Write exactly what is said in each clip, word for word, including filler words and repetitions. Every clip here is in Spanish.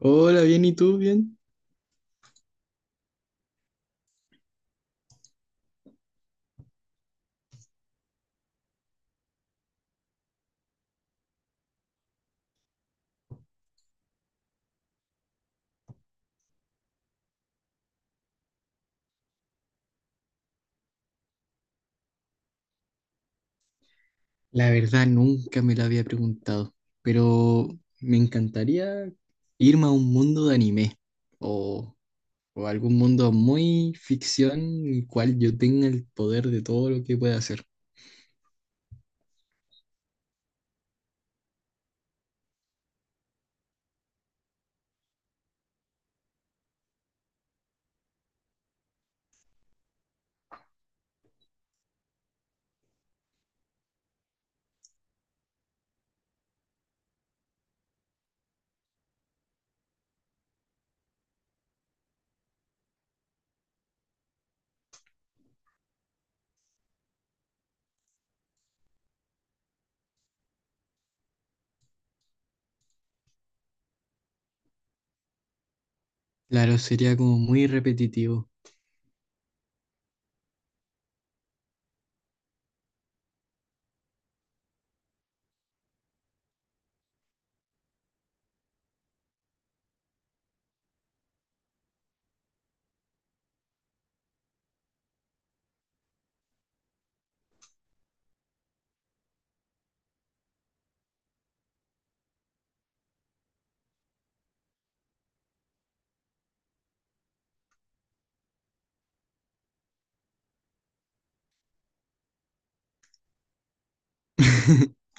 Hola, bien, ¿y tú? Bien. La verdad, nunca me la había preguntado, pero me encantaría irme a un mundo de anime o o algún mundo muy ficción en el cual yo tenga el poder de todo lo que pueda hacer. Claro, sería como muy repetitivo.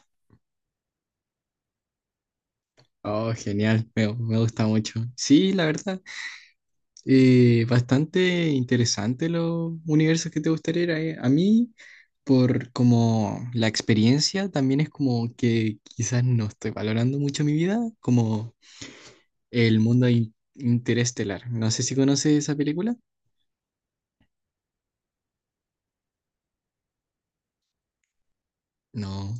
Oh, genial, me, me gusta mucho. Sí, la verdad, eh, bastante interesante los universos que te gustaría ir a, eh. A mí, por como la experiencia, también es como que quizás no estoy valorando mucho mi vida, como el mundo in- interestelar. No sé si conoces esa película. No.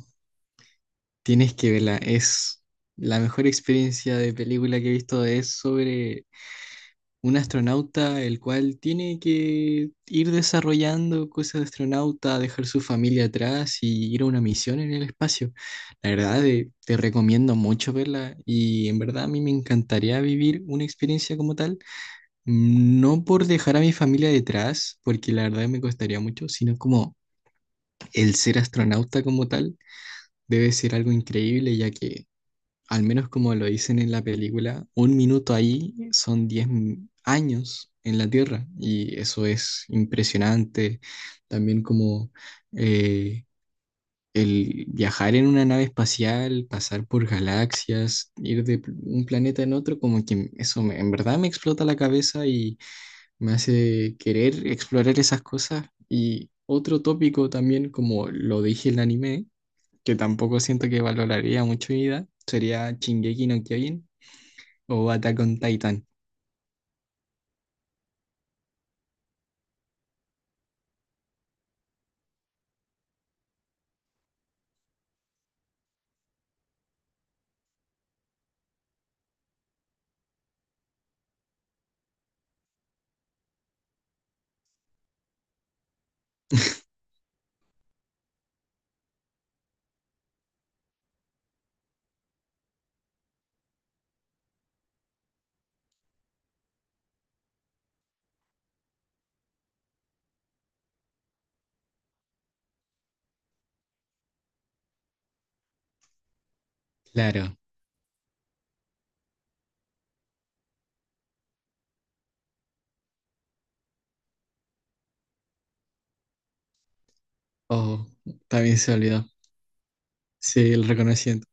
Tienes que verla, es la mejor experiencia de película que he visto, es sobre un astronauta el cual tiene que ir desarrollando cosas de astronauta, dejar su familia atrás y ir a una misión en el espacio. La verdad, eh, te recomiendo mucho verla y en verdad a mí me encantaría vivir una experiencia como tal, no por dejar a mi familia detrás, porque la verdad me costaría mucho, sino como el ser astronauta como tal debe ser algo increíble, ya que al menos como lo dicen en la película, un minuto ahí son diez años en la Tierra y eso es impresionante. También como eh, el viajar en una nave espacial, pasar por galaxias, ir de pl- un planeta en otro, como que eso me- en verdad me explota la cabeza y me hace querer explorar esas cosas. Y otro tópico también, como lo dije en el anime, que tampoco siento que valoraría mucho mi vida, sería Shingeki no Kyojin, o Attack on Titan, claro. Oh, también se olvidó. Sí, el reconocimiento.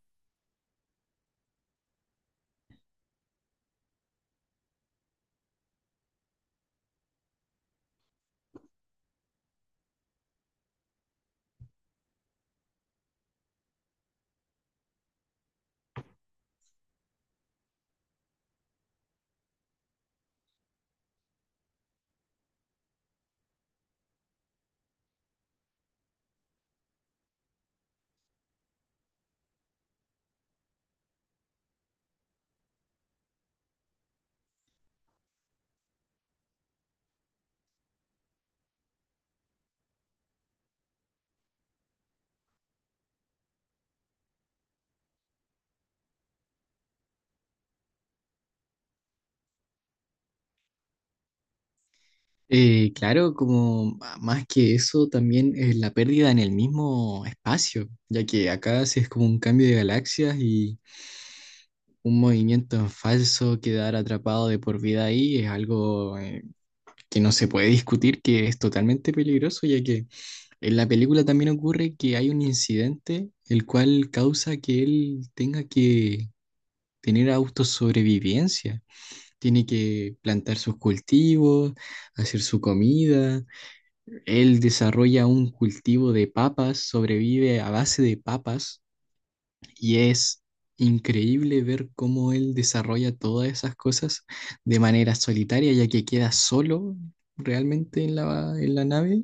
Eh, claro, como ma- más que eso, también es la pérdida en el mismo espacio, ya que acá sí es como un cambio de galaxias y un movimiento en falso, quedar atrapado de por vida ahí es algo eh, que no se puede discutir, que es totalmente peligroso, ya que en la película también ocurre que hay un incidente el cual causa que él tenga que tener autosobrevivencia. Tiene que plantar sus cultivos, hacer su comida. Él desarrolla un cultivo de papas, sobrevive a base de papas y es increíble ver cómo él desarrolla todas esas cosas de manera solitaria, ya que queda solo realmente en la, en la nave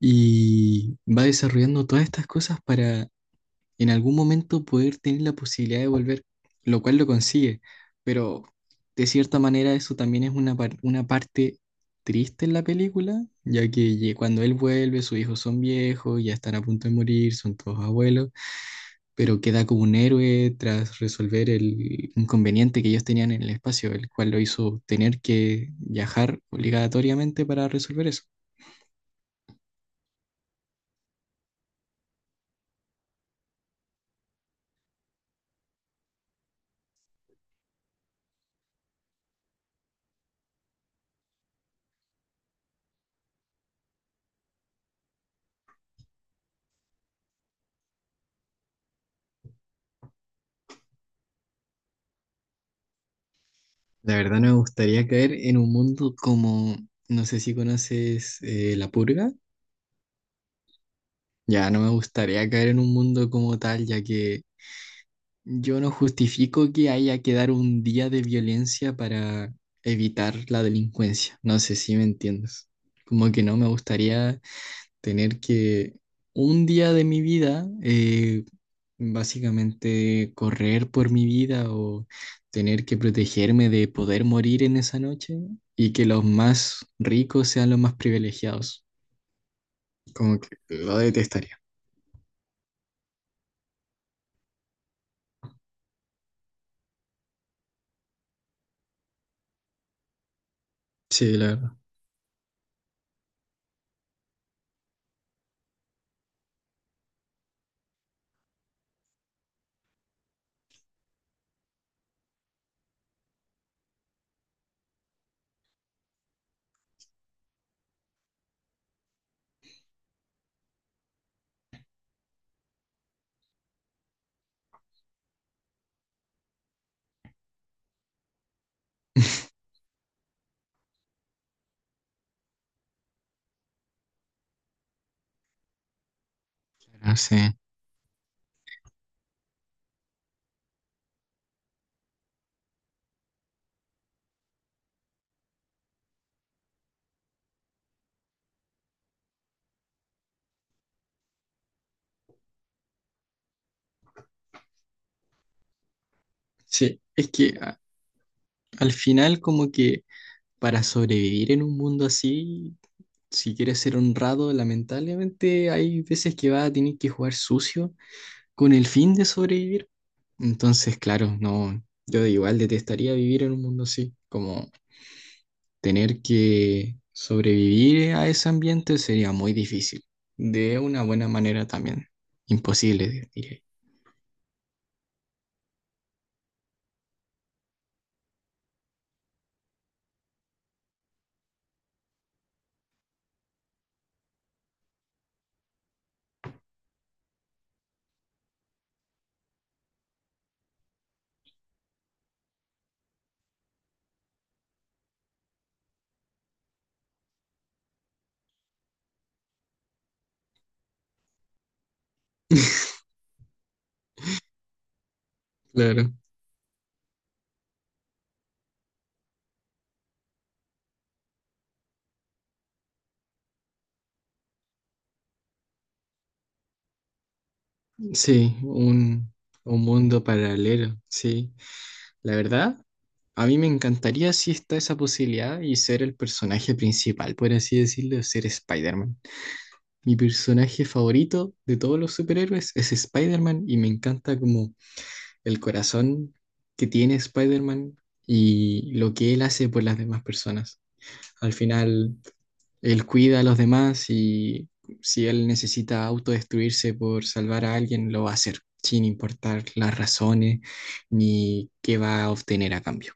y va desarrollando todas estas cosas para en algún momento poder tener la posibilidad de volver, lo cual lo consigue, pero de cierta manera eso también es una, par- una parte triste en la película, ya que ye- cuando él vuelve, sus hijos son viejos, ya están a punto de morir, son todos abuelos, pero queda como un héroe tras resolver el inconveniente que ellos tenían en el espacio, el cual lo hizo tener que viajar obligatoriamente para resolver eso. La verdad no me gustaría caer en un mundo como, no sé si conoces eh, La Purga. Ya no me gustaría caer en un mundo como tal, ya que yo no justifico que haya que dar un día de violencia para evitar la delincuencia. No sé si me entiendes. Como que no me gustaría tener que un día de mi vida, eh, básicamente correr por mi vida o tener que protegerme de poder morir en esa noche y que los más ricos sean los más privilegiados. Como que lo detestaría. Sí, la verdad. No sé. Sí, es que a- al final como que para sobrevivir en un mundo así, si quieres ser honrado, lamentablemente hay veces que vas a tener que jugar sucio con el fin de sobrevivir. Entonces, claro, no, yo igual detestaría vivir en un mundo así, como tener que sobrevivir a ese ambiente sería muy difícil. De una buena manera también, imposible, diría. Claro, sí, un, un mundo paralelo, sí. La verdad, a mí me encantaría si está esa posibilidad y ser el personaje principal, por así decirlo, ser Spider-Man. Mi personaje favorito de todos los superhéroes es Spider-Man y me encanta como el corazón que tiene Spider-Man y lo que él hace por las demás personas. Al final, él cuida a los demás y si él necesita autodestruirse por salvar a alguien, lo va a hacer, sin importar las razones ni qué va a obtener a cambio.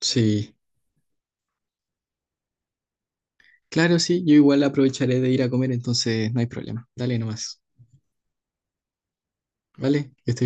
Sí, claro, sí, yo igual aprovecharé de ir a comer, entonces no hay problema. Dale nomás, ¿vale? Que estés